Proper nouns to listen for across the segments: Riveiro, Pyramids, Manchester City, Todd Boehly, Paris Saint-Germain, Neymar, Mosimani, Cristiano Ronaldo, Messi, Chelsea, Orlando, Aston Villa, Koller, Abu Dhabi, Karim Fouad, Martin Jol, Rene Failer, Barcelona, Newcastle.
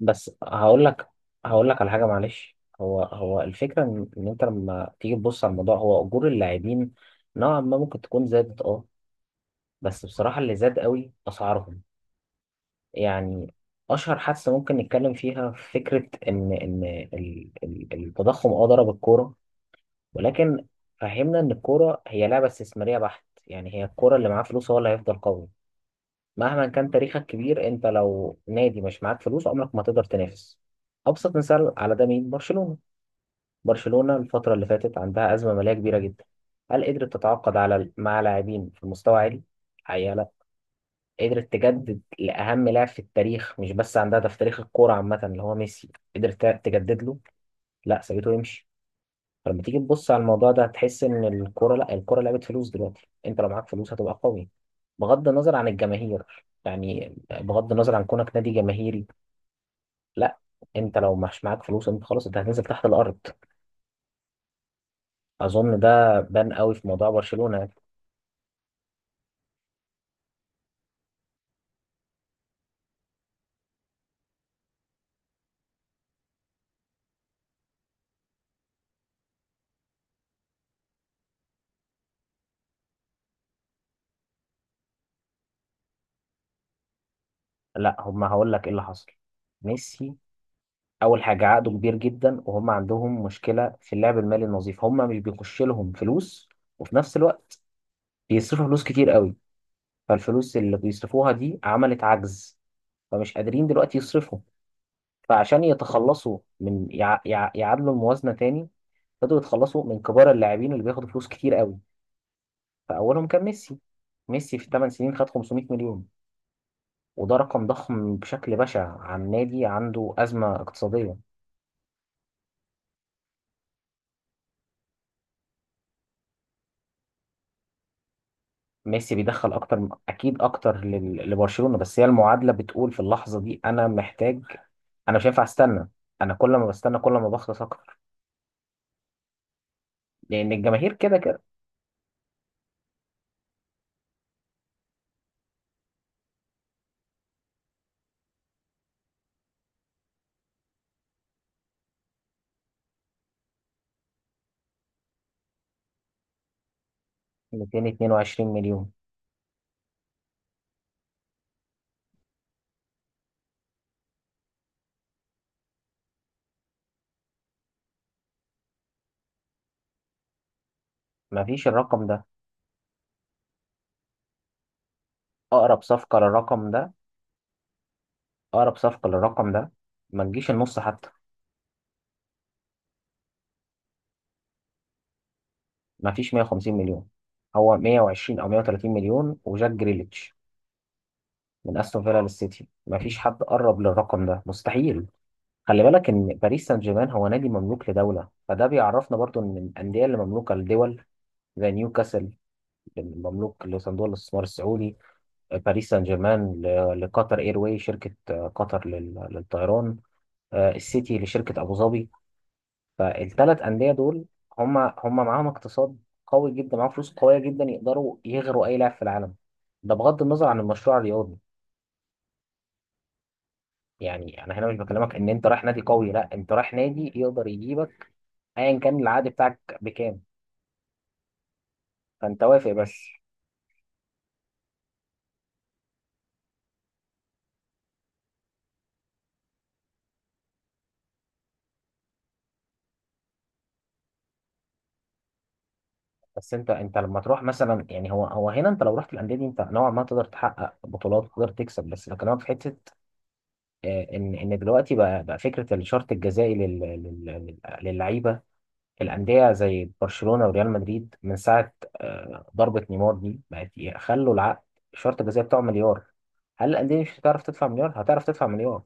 بس هقول لك على حاجه، معلش، هو الفكره إن انت لما تيجي تبص على الموضوع، هو اجور اللاعبين نوعا ما ممكن تكون زادت، بس بصراحه اللي زاد قوي اسعارهم، يعني اشهر حادثه ممكن نتكلم فيها فكره ان التضخم ضرب الكوره، ولكن فهمنا ان الكوره هي لعبه استثماريه بحت، يعني هي الكوره اللي معاه فلوس هو اللي هيفضل قوي. مهما كان تاريخك كبير، انت لو نادي مش معاك فلوس عمرك ما تقدر تنافس. ابسط مثال على ده مين؟ برشلونة. برشلونة الفترة اللي فاتت عندها أزمة مالية كبيرة جدا. هل قدرت تتعاقد على مع لاعبين في مستوى عالي؟ حقيقة لا. قدرت تجدد لأهم لاعب في التاريخ، مش بس عندها ده في تاريخ الكورة عامة، اللي هو ميسي، قدرت تجدد له؟ لا، سابته يمشي. فلما تيجي تبص على الموضوع ده هتحس ان الكوره، لا، الكوره لعبه فلوس دلوقتي، انت لو معاك فلوس هتبقى قوي بغض النظر عن الجماهير، يعني بغض النظر عن كونك نادي جماهيري، لا، انت لو مش معاك فلوس انت خلاص، انت هتنزل تحت الارض. اظن ده بان قوي في موضوع برشلونه يعني. لا، هم هقول لك ايه اللي حصل. ميسي، اول حاجه عقده كبير جدا، وهم عندهم مشكله في اللعب المالي النظيف، هم مش بيخش لهم فلوس، وفي نفس الوقت بيصرفوا فلوس كتير قوي، فالفلوس اللي بيصرفوها دي عملت عجز، فمش قادرين دلوقتي يصرفوا. فعشان يتخلصوا من يعادلوا الموازنة تاني، بدأوا يتخلصوا من كبار اللاعبين اللي بياخدوا فلوس كتير قوي. فأولهم كان ميسي. ميسي في 8 سنين خد 500 مليون، وده رقم ضخم بشكل بشع عن نادي عنده أزمة اقتصادية. ميسي بيدخل أكتر، أكيد أكتر لبرشلونة، بس هي المعادلة بتقول في اللحظة دي أنا محتاج. أنا مش هينفع أستنى. أنا كل ما بستنى كل ما بخلص أكتر، لأن الجماهير كده كده. 222 مليون؟ مفيش الرقم ده. اقرب صفقه للرقم ده اقرب صفقه للرقم ده ما تجيش النص حتى. ما فيش 150 مليون، هو 120 او 130 مليون وجاك جريليتش من استون فيلا للسيتي، ما فيش حد قرب للرقم ده، مستحيل. خلي بالك ان باريس سان جيرمان هو نادي مملوك لدوله، فده بيعرفنا برضو ان الانديه اللي مملوكه لدول، زي نيوكاسل مملوك لصندوق الاستثمار السعودي، باريس سان جيرمان لقطر اير واي، شركه قطر للطيران، السيتي لشركه ابو ظبي. فالثلاث أندية دول هم معاهم اقتصاد قوي جدا، معاهم فلوس قوية جدا يقدروا يغروا أي لاعب في العالم. ده بغض النظر عن المشروع الرياضي، يعني أنا هنا مش بكلمك إن أنت رايح نادي قوي، لا، أنت رايح نادي يقدر يجيبك أيا كان العقد بتاعك بكام. فأنت وافق بس. بس أنت لما تروح مثلا، يعني هو هنا أنت لو رحت الأندية دي أنت نوعا ما تقدر تحقق بطولات، تقدر تكسب، بس بكلمك في حتة. إن دلوقتي بقى فكرة الشرط الجزائي للعيبة. الأندية زي برشلونة وريال مدريد من ساعة ضربة نيمار دي بقت يخلوا العقد، الشرط الجزائي بتاعه مليار. هل الأندية مش هتعرف تدفع مليار؟ هتعرف تدفع مليار،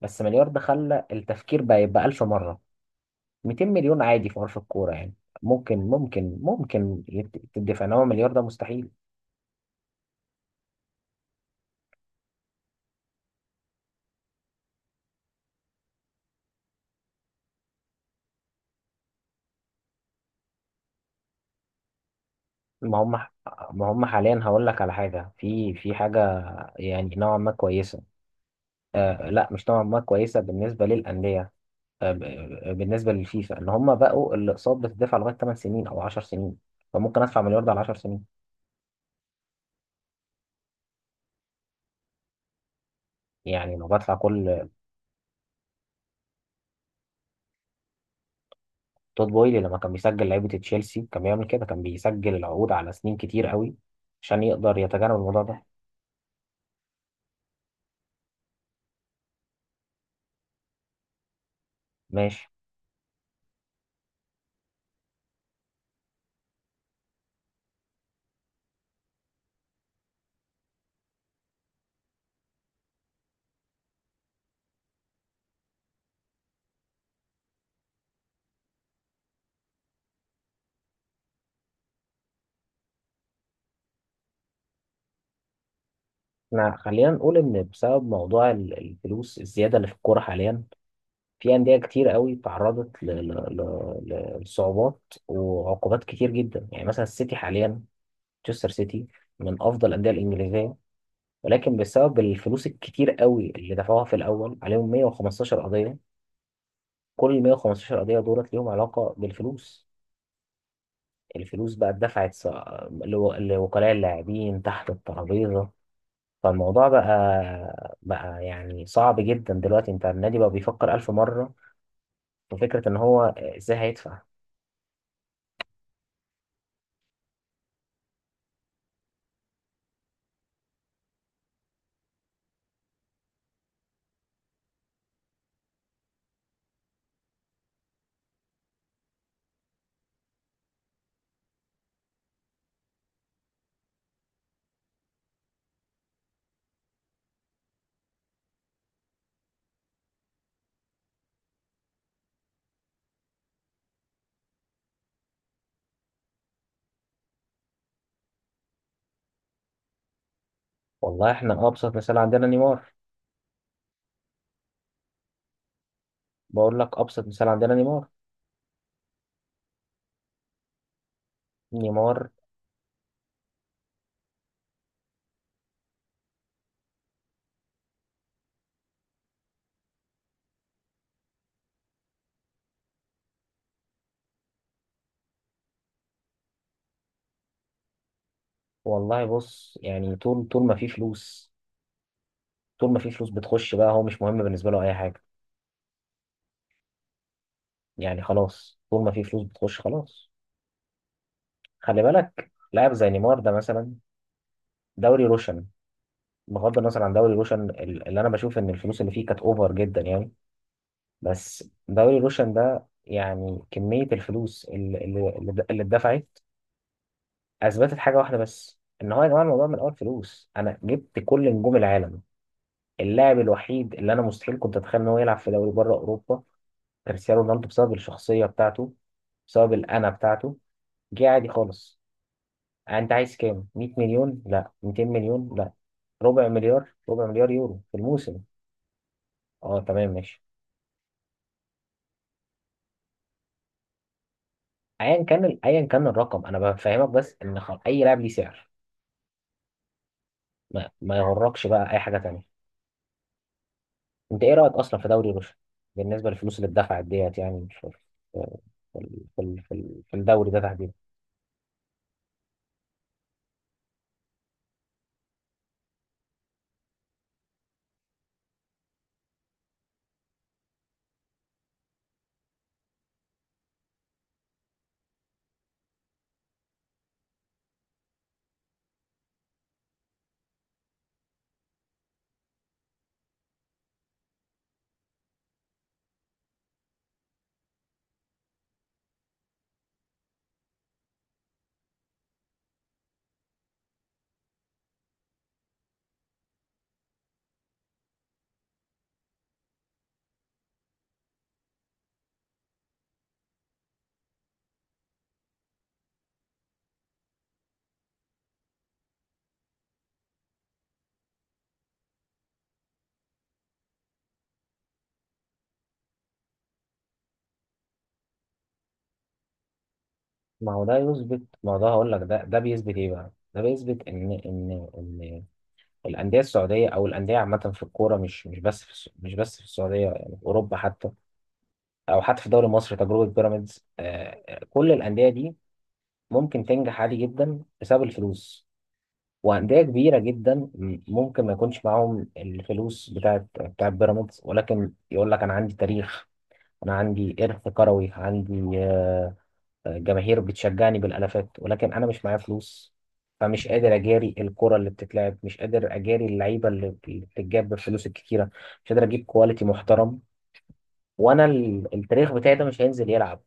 بس مليار ده خلى التفكير بقى يبقى ألف مرة. 200 مليون عادي في عرف الكورة يعني، ممكن تدفع، إنما مليار ده مستحيل. ما هم ما هم حاليا، هقول لك على حاجة، في حاجة، يعني نوعا ما كويسة، آه لا، مش نوعا ما كويسة بالنسبة للأندية. بالنسبه للفيفا ان هم بقوا الاقساط بتدفع لغايه 8 سنين او 10 سنين، فممكن ادفع مليار ده على 10 سنين. يعني لو بدفع كل. تود بويلي لما كان بيسجل لعيبه تشيلسي كان بيعمل كده، كان بيسجل العقود على سنين كتير قوي عشان يقدر يتجنب الموضوع ده. ماشي. احنا خلينا نقول ان بسبب موضوع الفلوس الزياده اللي في الكوره حاليا، في انديه كتير قوي تعرضت لصعوبات وعقوبات كتير جدا. يعني مثلا السيتي حاليا، مانشستر سيتي، من افضل الانديه الانجليزيه، ولكن بسبب الفلوس الكتير قوي اللي دفعوها في الأول عليهم 115 قضية. كل 115 قضية دولت ليهم علاقة بالفلوس. الفلوس بقى اتدفعت لوكلاء اللاعبين تحت الترابيزة. فالموضوع بقى يعني صعب جدا دلوقتي، انت النادي بقى بيفكر ألف مرة في فكرة ان هو ازاي هيدفع. والله احنا أبسط مثال عندنا نيمار. بقول لك أبسط مثال عندنا نيمار. نيمار. والله بص، يعني طول ما في فلوس، طول ما في فلوس بتخش بقى هو مش مهم بالنسبة له أي حاجة. يعني خلاص، طول ما في فلوس بتخش خلاص. خلي بالك لاعب زي نيمار ده مثلا، دوري روشن. بغض النظر عن دوري روشن اللي انا بشوف ان الفلوس اللي فيه كانت اوفر جدا يعني، بس دوري روشن ده يعني، كمية الفلوس اللي اتدفعت، اثبتت حاجة واحدة بس، ان هو يا جماعة الموضوع من الاول فلوس. انا جبت كل نجوم العالم. اللاعب الوحيد اللي انا مستحيل كنت اتخيل ان هو يلعب في دوري بره اوروبا كريستيانو رونالدو، بسبب الشخصية بتاعته، بسبب الانا بتاعته، جه عادي خالص. انت عايز كام؟ 100 مليون؟ لا. 200 مليون؟ لا. ربع مليار، ربع مليار يورو في الموسم. اه، تمام، ماشي. ايا كان الرقم، انا بفهمك بس ان اي لاعب ليه سعر، ما يغركش بقى اي حاجه تانية. انت ايه رايك اصلا في دوري روسيا بالنسبه للفلوس اللي اتدفعت ديت، يعني في في الدوري ده تحديدا؟ ما هو ده، هقول لك، ده بيثبت ايه بقى. ده بيثبت ان الانديه السعوديه او الانديه عامه في الكوره، مش بس في السعوديه، يعني في اوروبا حتى، او حتى في الدوري المصري تجربه بيراميدز. كل الانديه دي ممكن تنجح عادي جدا بسبب الفلوس. وانديه كبيره جدا ممكن ما يكونش معاهم الفلوس بتاعت بيراميدز، ولكن يقول لك انا عندي تاريخ، انا عندي ارث كروي، عندي جماهير بتشجعني بالالافات، ولكن انا مش معايا فلوس. فمش قادر اجاري الكره اللي بتتلعب، مش قادر اجاري اللعيبه اللي بتتجاب بالفلوس الكتيره، مش قادر اجيب كواليتي محترم. وانا التاريخ بتاعي ده مش هينزل يلعب،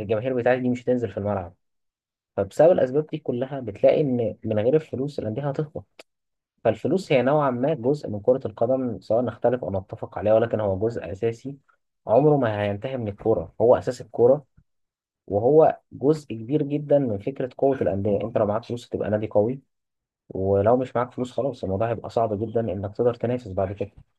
الجماهير بتاعتي دي مش هتنزل في الملعب. فبسبب الاسباب دي كلها بتلاقي ان من غير الفلوس الانديه هتهبط. فالفلوس هي نوعا ما جزء من كره القدم، سواء نختلف او نتفق عليها، ولكن هو جزء اساسي، عمره ما هينتهي من الكوره، هو اساس الكوره. وهو جزء كبير جدا من فكره قوه الانديه، انت لو معاك فلوس هتبقى نادي قوي، ولو مش معاك فلوس خلاص الموضوع هيبقى صعب جدا انك تقدر تنافس بعد كده.